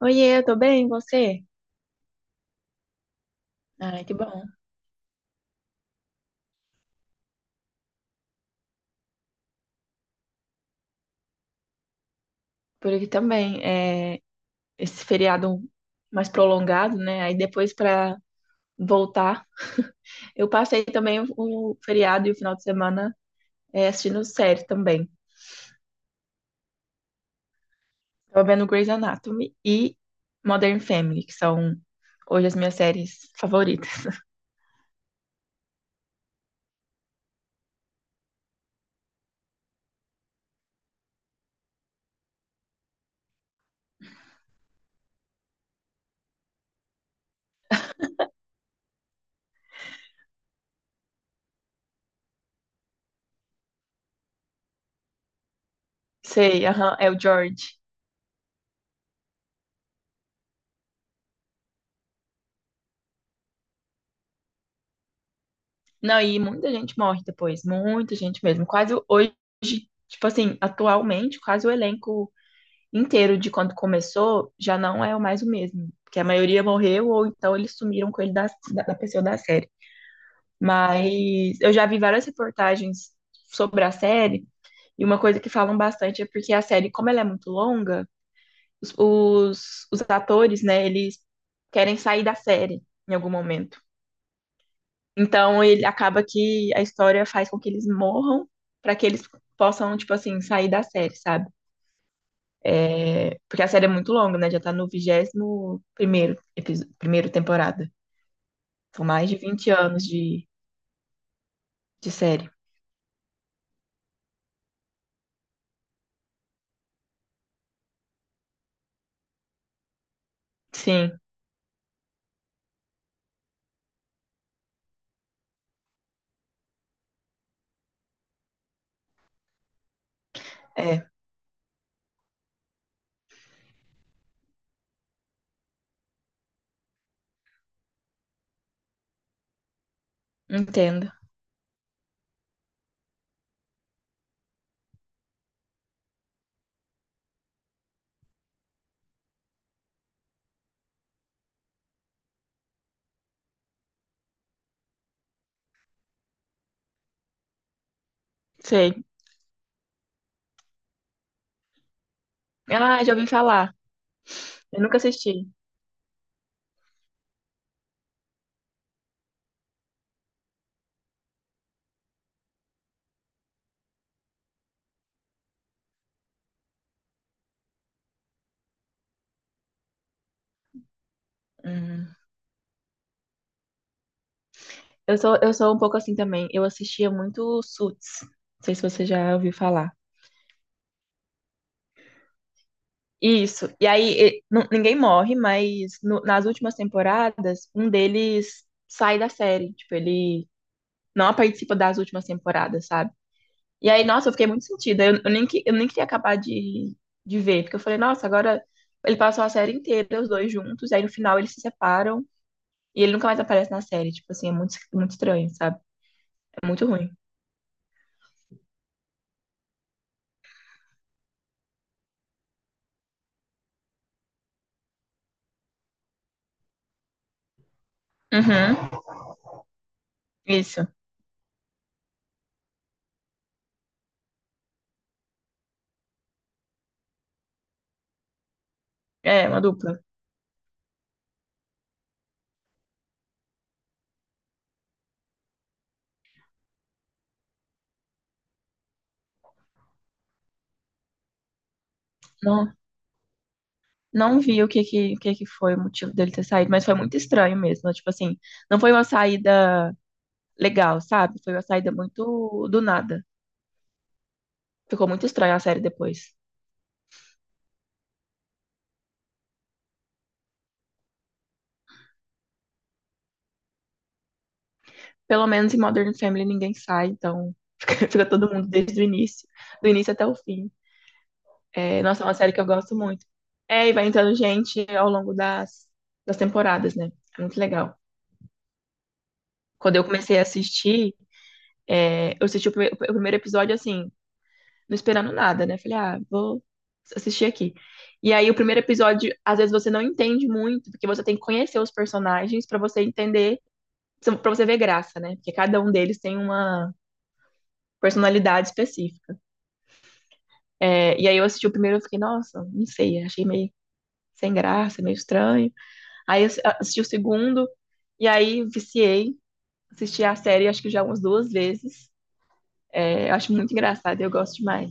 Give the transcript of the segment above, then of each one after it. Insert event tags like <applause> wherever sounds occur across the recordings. Oiê, eu tô bem, e você? Ai, que bom. Por aqui também. É, esse feriado mais prolongado, né? Aí depois pra voltar, eu passei também o feriado e o final de semana assistindo série também. Tava vendo Grey's Anatomy e Modern Family, que são hoje as minhas séries favoritas. <laughs> Sei, aham, é o George. Não, e muita gente morre depois, muita gente mesmo. Quase hoje, tipo assim, atualmente, quase o elenco inteiro de quando começou, já não é mais o mesmo. Porque a maioria morreu ou então eles sumiram com ele da pessoa da série. Mas eu já vi várias reportagens sobre a série e uma coisa que falam bastante é porque a série, como ela é muito longa, os atores, né, eles querem sair da série em algum momento. Então ele acaba que a história faz com que eles morram para que eles possam, tipo assim, sair da série, sabe? Porque a série é muito longa, né? Já tá no vigésimo primeiro episódio, primeiro temporada. São mais de 20 anos de série. Sim, é. Entendo. Sei. Ah, já ouvi falar. Eu nunca assisti. Hum. Eu sou um pouco assim também. Eu assistia muito Suits. Não sei se você já ouviu falar. Isso. E aí, e- nu- ninguém morre, mas no- nas últimas temporadas, um deles sai da série. Tipo, ele não participa das últimas temporadas, sabe? E aí, nossa, eu fiquei muito sentida. Eu nem, que- eu nem queria acabar de ver, porque eu falei, nossa, agora ele passou a série inteira, os dois juntos, e aí no final eles se separam e ele nunca mais aparece na série. Tipo assim, é muito, muito estranho, sabe? É muito ruim. Uhum, isso. É, uma dupla. Não, não vi o que que foi o motivo dele ter saído, mas foi muito estranho mesmo. Tipo assim, não foi uma saída legal, sabe? Foi uma saída muito do nada. Ficou muito estranha a série depois. Pelo menos em Modern Family ninguém sai, então <laughs> fica, fica todo mundo desde o início, do início até o fim. É, nossa, é uma série que eu gosto muito. É, e vai entrando gente ao longo das, das temporadas, né? É muito legal. Quando eu comecei a assistir, eu assisti o, prime- o primeiro episódio assim, não esperando nada, né? Falei, ah, vou assistir aqui. E aí o primeiro episódio, às vezes você não entende muito, porque você tem que conhecer os personagens pra você entender, pra você ver graça, né? Porque cada um deles tem uma personalidade específica. É, e aí eu assisti o primeiro e eu fiquei, nossa, não sei, achei meio sem graça, meio estranho. Aí eu assisti o segundo, e aí viciei, assisti a série acho que já umas duas vezes. É, eu acho muito engraçado, eu gosto demais.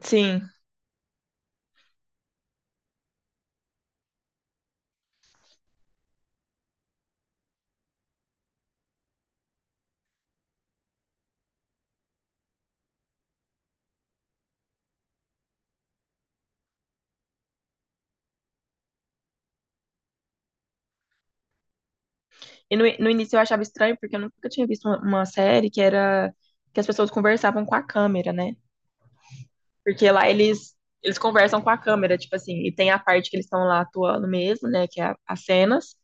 Sim, e no início eu achava estranho, porque eu nunca tinha visto uma série que era que as pessoas conversavam com a câmera, né? Porque lá eles conversam com a câmera, tipo assim, e tem a parte que eles estão lá atuando mesmo, né? Que é a- as cenas.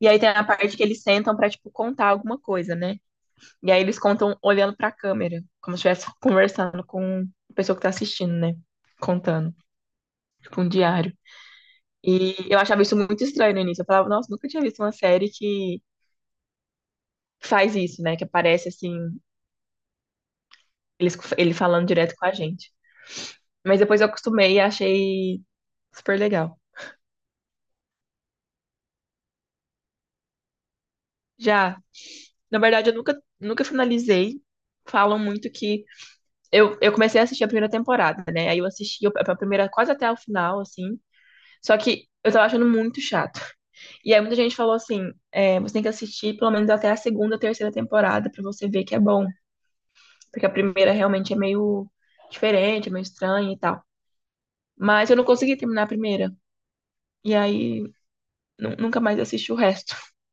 E aí tem a parte que eles sentam pra, tipo, contar alguma coisa, né? E aí eles contam olhando pra câmera, como se estivesse conversando com a pessoa que tá assistindo, né? Contando, tipo um diário. E eu achava isso muito estranho no início. Eu falava, nossa, nunca tinha visto uma série que faz isso, né? Que aparece assim, eles, ele falando direto com a gente. Mas depois eu acostumei e achei super legal. Já, na verdade, eu nunca finalizei. Falam muito que. Eu comecei a assistir a primeira temporada, né? Aí eu assisti a primeira quase até o final, assim. Só que eu tava achando muito chato. E aí muita gente falou assim, é, você tem que assistir pelo menos até a segunda, terceira temporada pra você ver que é bom, porque a primeira realmente é meio diferente, é meio estranha e tal. Mas eu não consegui terminar a primeira. E aí, nu- nunca mais assisti o resto. <laughs>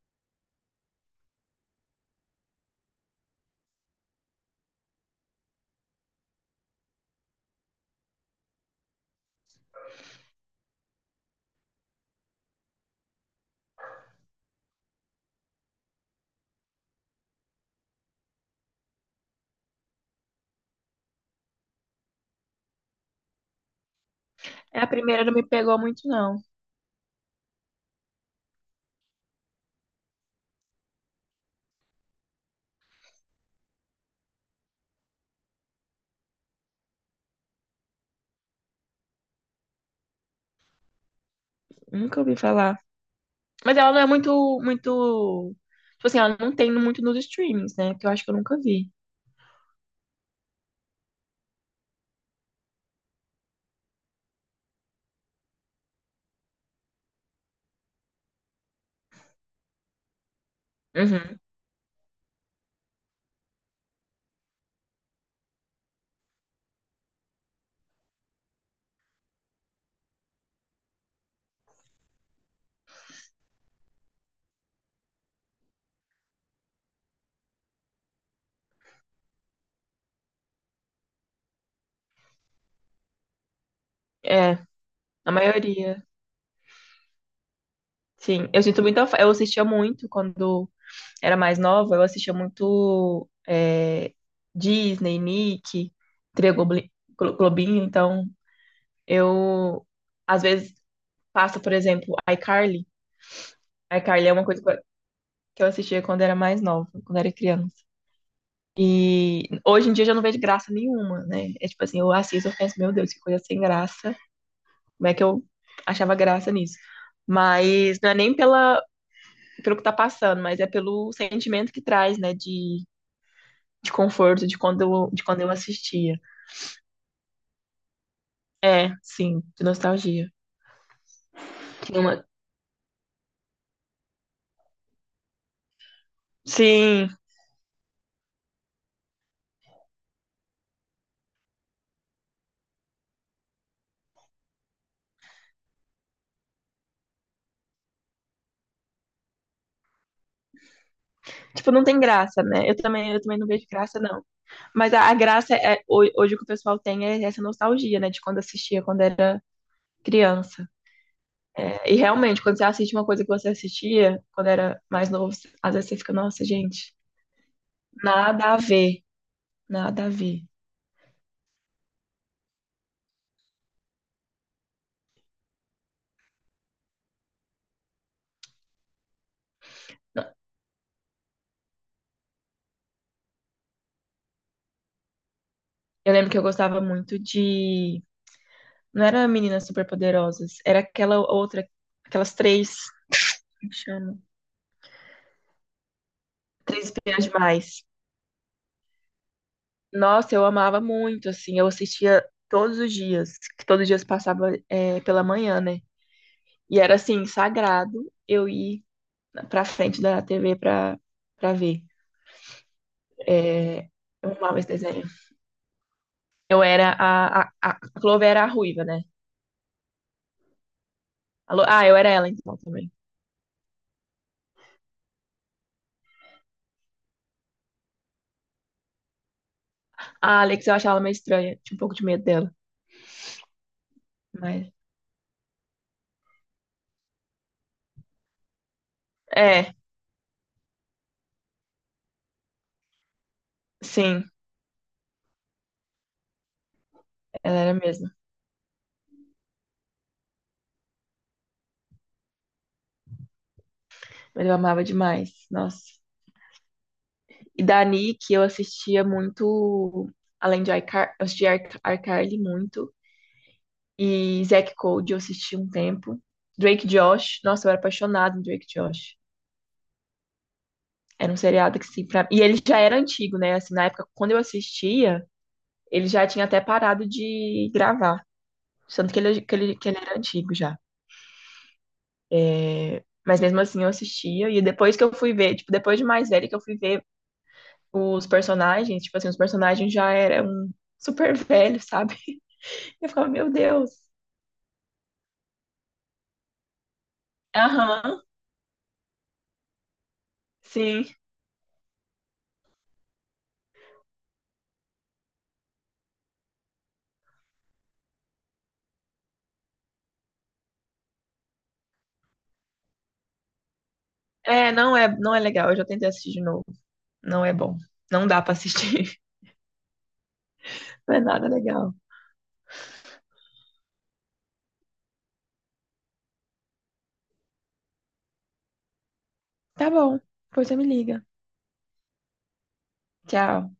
É, a primeira não me pegou muito, não. Nunca ouvi falar. Mas ela não é muito, muito. Tipo assim, ela não tem muito nos streamings, né? Que eu acho que eu nunca vi. Uhum. É, a maioria. Sim. Eu sinto muita. Fa- Eu assistia muito quando era mais nova, eu assistia muito Disney, Nick, Tria Globli- Glo- Globinho, então eu às vezes passo, por exemplo, iCarly. iCarly é uma coisa que eu assistia quando era mais nova, quando era criança. E hoje em dia eu já não vejo graça nenhuma, né? É tipo assim, eu assisto, eu penso, meu Deus, que coisa sem graça. Como é que eu achava graça nisso? Mas não é nem pela, pelo que tá passando, mas é pelo sentimento que traz, né? De conforto de quando eu assistia. É, sim, de nostalgia. Tinha uma. Sim, tipo, não tem graça, né? Eu também não vejo graça, não. Mas a graça é ho- hoje o que o pessoal tem é essa nostalgia, né? De quando assistia, quando era criança. É, e realmente, quando você assiste uma coisa que você assistia quando era mais novo, às vezes você fica, nossa, gente, nada a ver, nada a ver. Eu lembro que eu gostava muito de. Não era Meninas Superpoderosas, era aquela outra, aquelas três, como chama? Três Espiãs Demais. Nossa, eu amava muito, assim, eu assistia todos os dias, que todos os dias passava pela manhã, né? E era, assim, sagrado eu ir pra frente da TV pra, pra ver. É Eu amava esse desenho. Eu era a... A, a a Clover era a ruiva, né? A Lo- ah, eu era ela, então, também. A Alex eu achava ela meio estranha, tinha um pouco de medo dela, mas... É, sim, ela era mesmo. Mas eu amava demais, nossa. E da Nick, eu assistia muito, além de iCar, eu assistia Ar- iCarly muito. E Zack Code eu assisti um tempo. Drake Josh, nossa, eu era apaixonada em Drake Josh. Era um seriado que sim, pra... E ele já era antigo, né? Assim, na época, quando eu assistia, ele já tinha até parado de gravar. Tanto que ele era antigo já. É, mas mesmo assim eu assistia. E depois que eu fui ver, tipo, depois de mais velho que eu fui ver os personagens, tipo assim, os personagens já eram super velhos, sabe? <laughs> Eu ficava, meu Deus. Aham, sim. É, não é legal. Eu já tentei assistir de novo. Não é bom. Não dá pra assistir. <laughs> Não é nada legal. Tá bom. Pois você me liga. Tchau.